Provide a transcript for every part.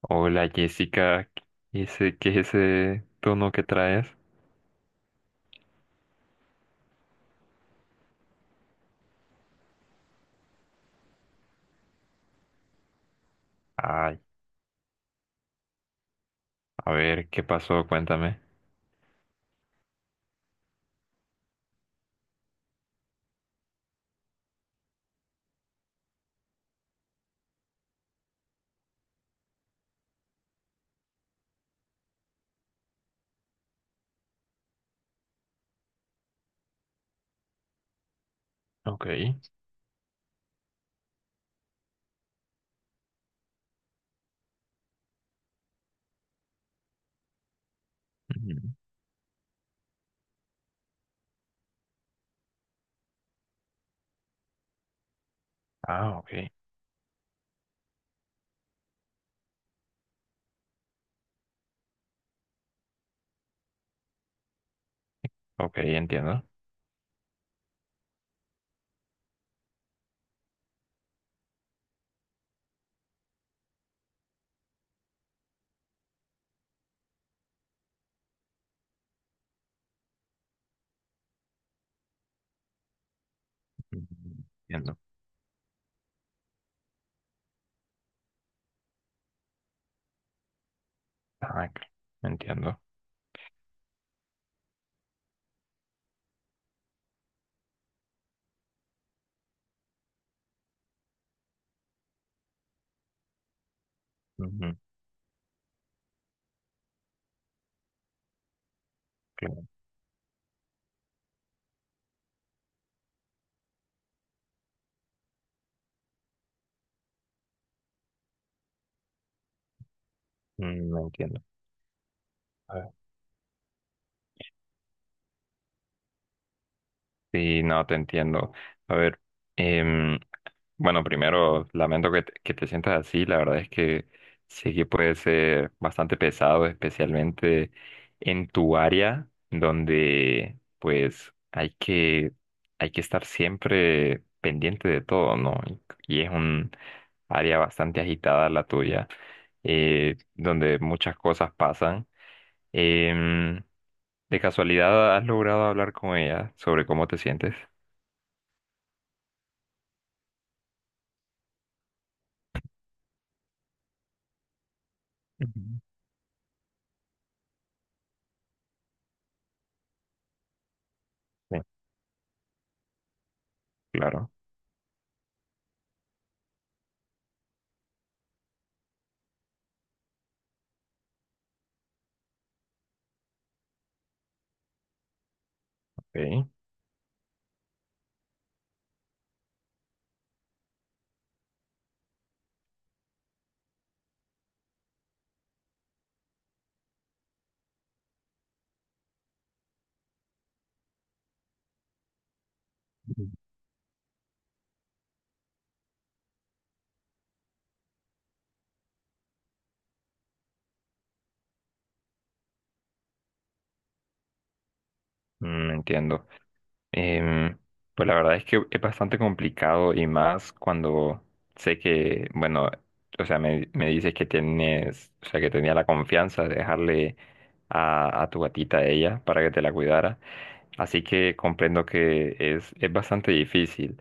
Hola Jessica, ¿qué es ese tono que traes? Ay, a ver, ¿qué pasó? Cuéntame. Ok. Ujú. Ah, ok. Ok, entiendo. Ujú. Entiendo. Ah, entiendo. Ujú, claro. Mm, entiendo. A ver. Sí, no, te entiendo. A ver, em, bueno, primero, lamento que que te sientas así. La verdad es que sí que puede ser bastante pesado, especialmente en tu área, donde pues hay que estar siempre pendiente de todo, ¿no? Y es un área bastante agitada la tuya, donde muchas cosas pasan. Em, ¿De casualidad has logrado hablar con ella sobre cómo te sientes? Ujú. Sí. Claro. Ok. Ujú. Mm, entiendo. Em, pues la verdad es que es bastante complicado y más cuando sé que, bueno, o sea, me dices que tienes, o sea, que tenía la confianza de dejarle a tu gatita a ella para que te la cuidara. Así que comprendo que es bastante difícil.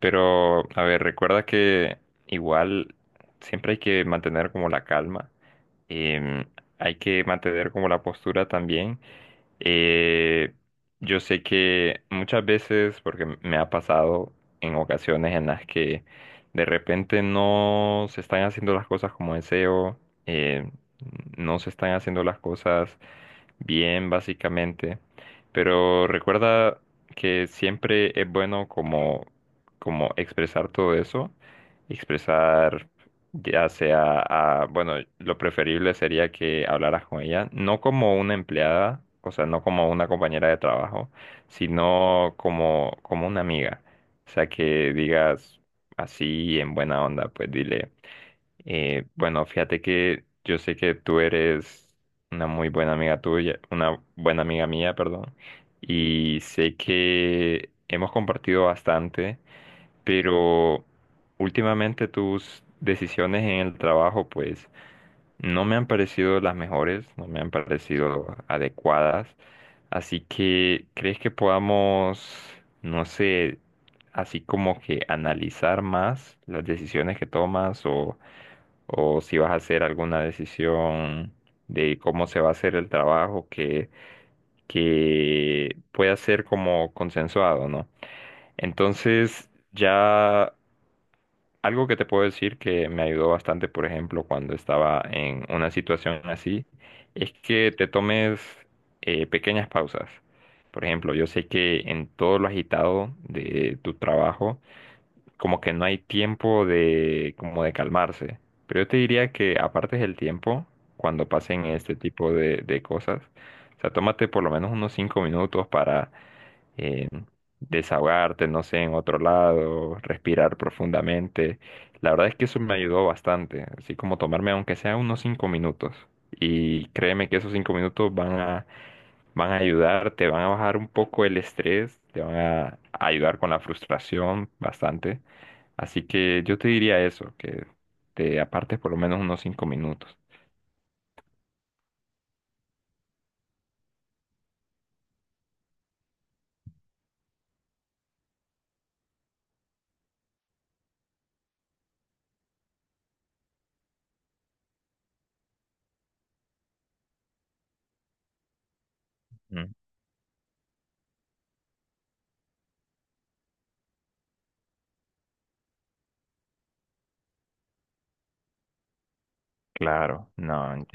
Pero, a ver, recuerda que igual siempre hay que mantener como la calma. em, Hay que mantener como la postura también. eh, yo sé que muchas veces, porque me ha pasado en ocasiones en las que de repente no se están haciendo las cosas como deseo, eh, no se están haciendo las cosas bien, básicamente. Pero recuerda que siempre es bueno como expresar todo eso, expresar ya sea, bueno, lo preferible sería que hablaras con ella, no como una empleada, o sea, no como una compañera de trabajo, sino como una amiga. O sea, que digas así en buena onda, pues dile, bueno, fíjate que yo sé que tú eres una muy buena amiga tuya, una buena amiga mía, perdón, y sé que hemos compartido bastante, pero últimamente tus decisiones en el trabajo pues no me han parecido las mejores, no me han parecido adecuadas, así que ¿crees que podamos, no sé, así como que analizar más las decisiones que tomas o si vas a hacer alguna decisión de cómo se va a hacer el trabajo que pueda ser como consensuado, ¿no? Entonces, ya algo que te puedo decir que me ayudó bastante, por ejemplo, cuando estaba en una situación así, es que te tomes pequeñas pausas. Por ejemplo, yo sé que en todo lo agitado de tu trabajo, como que no hay tiempo de, como de calmarse. Pero yo te diría que apartes el tiempo cuando pasen este tipo de cosas. O sea, tómate por lo menos unos cinco minutos para eh, desahogarte, no sé, en otro lado, respirar profundamente. La verdad es que eso me ayudó bastante, así como tomarme aunque sea unos cinco minutos. Y créeme que esos cinco minutos van a ayudar, te van a bajar un poco el estrés, te van a ayudar con la frustración bastante. Así que yo te diría eso, que te apartes por lo menos unos cinco minutos. Mm. Claro, no, ent-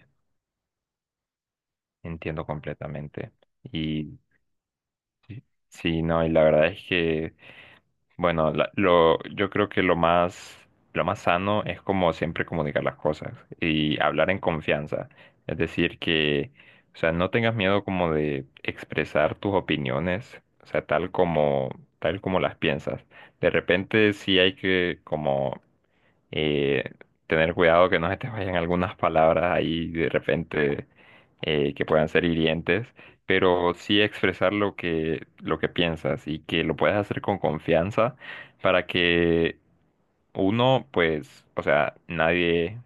Entiendo completamente. Y sí, sí, no, y la verdad es que bueno, yo creo que lo más sano es como siempre comunicar las cosas y hablar en confianza. Es decir, que, o sea, no tengas miedo como de expresar tus opiniones, o sea, tal como las piensas. De repente sí hay que como eh, tener cuidado que no se te vayan algunas palabras ahí de repente, que puedan ser hirientes, pero sí expresar lo que piensas y que lo puedas hacer con confianza para que uno, pues, o sea, nadie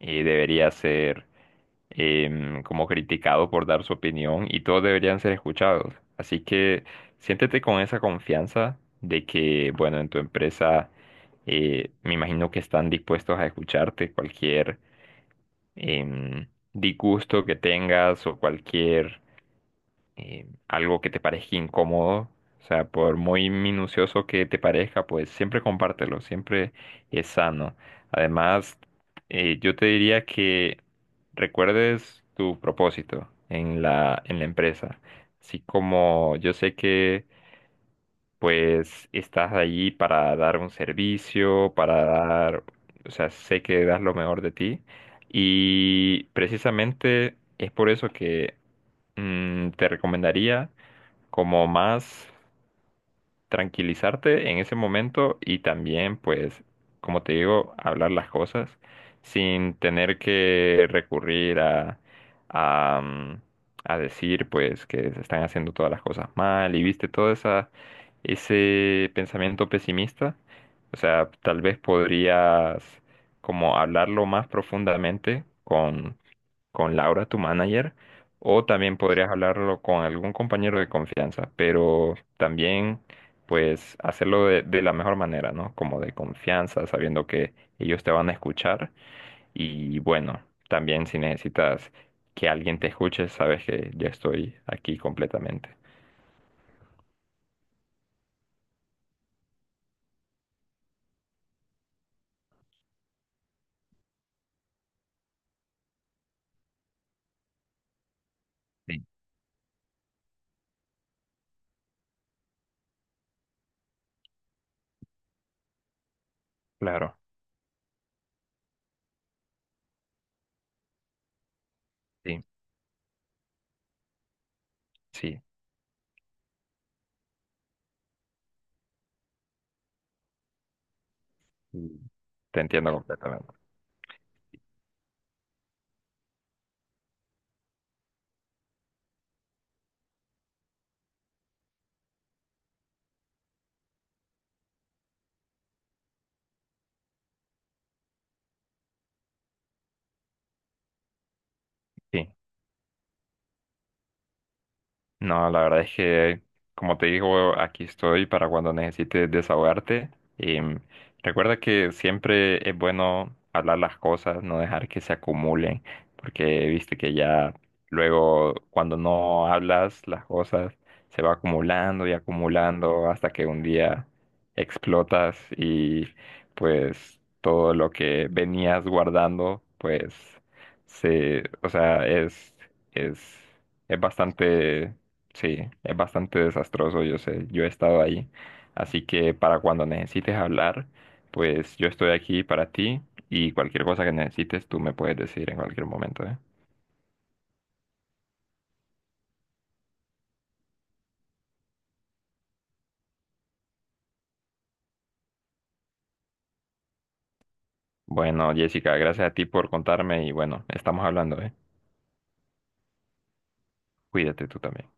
debería ser como criticado por dar su opinión y todos deberían ser escuchados. Así que siéntete con esa confianza de que, bueno, en tu empresa me imagino que están dispuestos a escucharte cualquier em, disgusto que tengas o cualquier algo que te parezca incómodo, o sea, por muy minucioso que te parezca, pues siempre compártelo, siempre es sano. Además, yo te diría que recuerdes tu propósito en en la empresa, así como yo sé que pues estás allí para dar un servicio, para dar, o sea, sé que das lo mejor de ti y precisamente es por eso que te recomendaría como más tranquilizarte en ese momento y también, pues, como te digo, hablar las cosas sin tener que recurrir a, mm, a decir, pues, que se están haciendo todas las cosas mal y viste todo esa, ese pensamiento pesimista. O sea, tal vez podrías como hablarlo más profundamente con Laura, tu manager, o también podrías hablarlo con algún compañero de confianza, pero también pues hacerlo de la mejor manera, ¿no? Como de confianza, sabiendo que ellos te van a escuchar y bueno, también si necesitas que alguien te escuche, sabes que yo estoy aquí completamente. Sí. Claro, sí, sí, y te entiendo completamente. Sí. No, la verdad es que, como te digo, aquí estoy para cuando necesites desahogarte. Em, recuerda que siempre es bueno hablar las cosas, no dejar que se acumulen, porque viste que ya luego cuando no hablas las cosas se va acumulando y acumulando hasta que un día explotas y pues todo lo que venías guardando, pues se, o sea, es, es bastante. Sí, es bastante desastroso, yo sé, yo he estado ahí. Así que para cuando necesites hablar, pues yo estoy aquí para ti y cualquier cosa que necesites tú me puedes decir en cualquier momento, ¿eh? Bueno, Jessica, gracias a ti por contarme y bueno, estamos hablando, ¿eh? Cuídate tú también.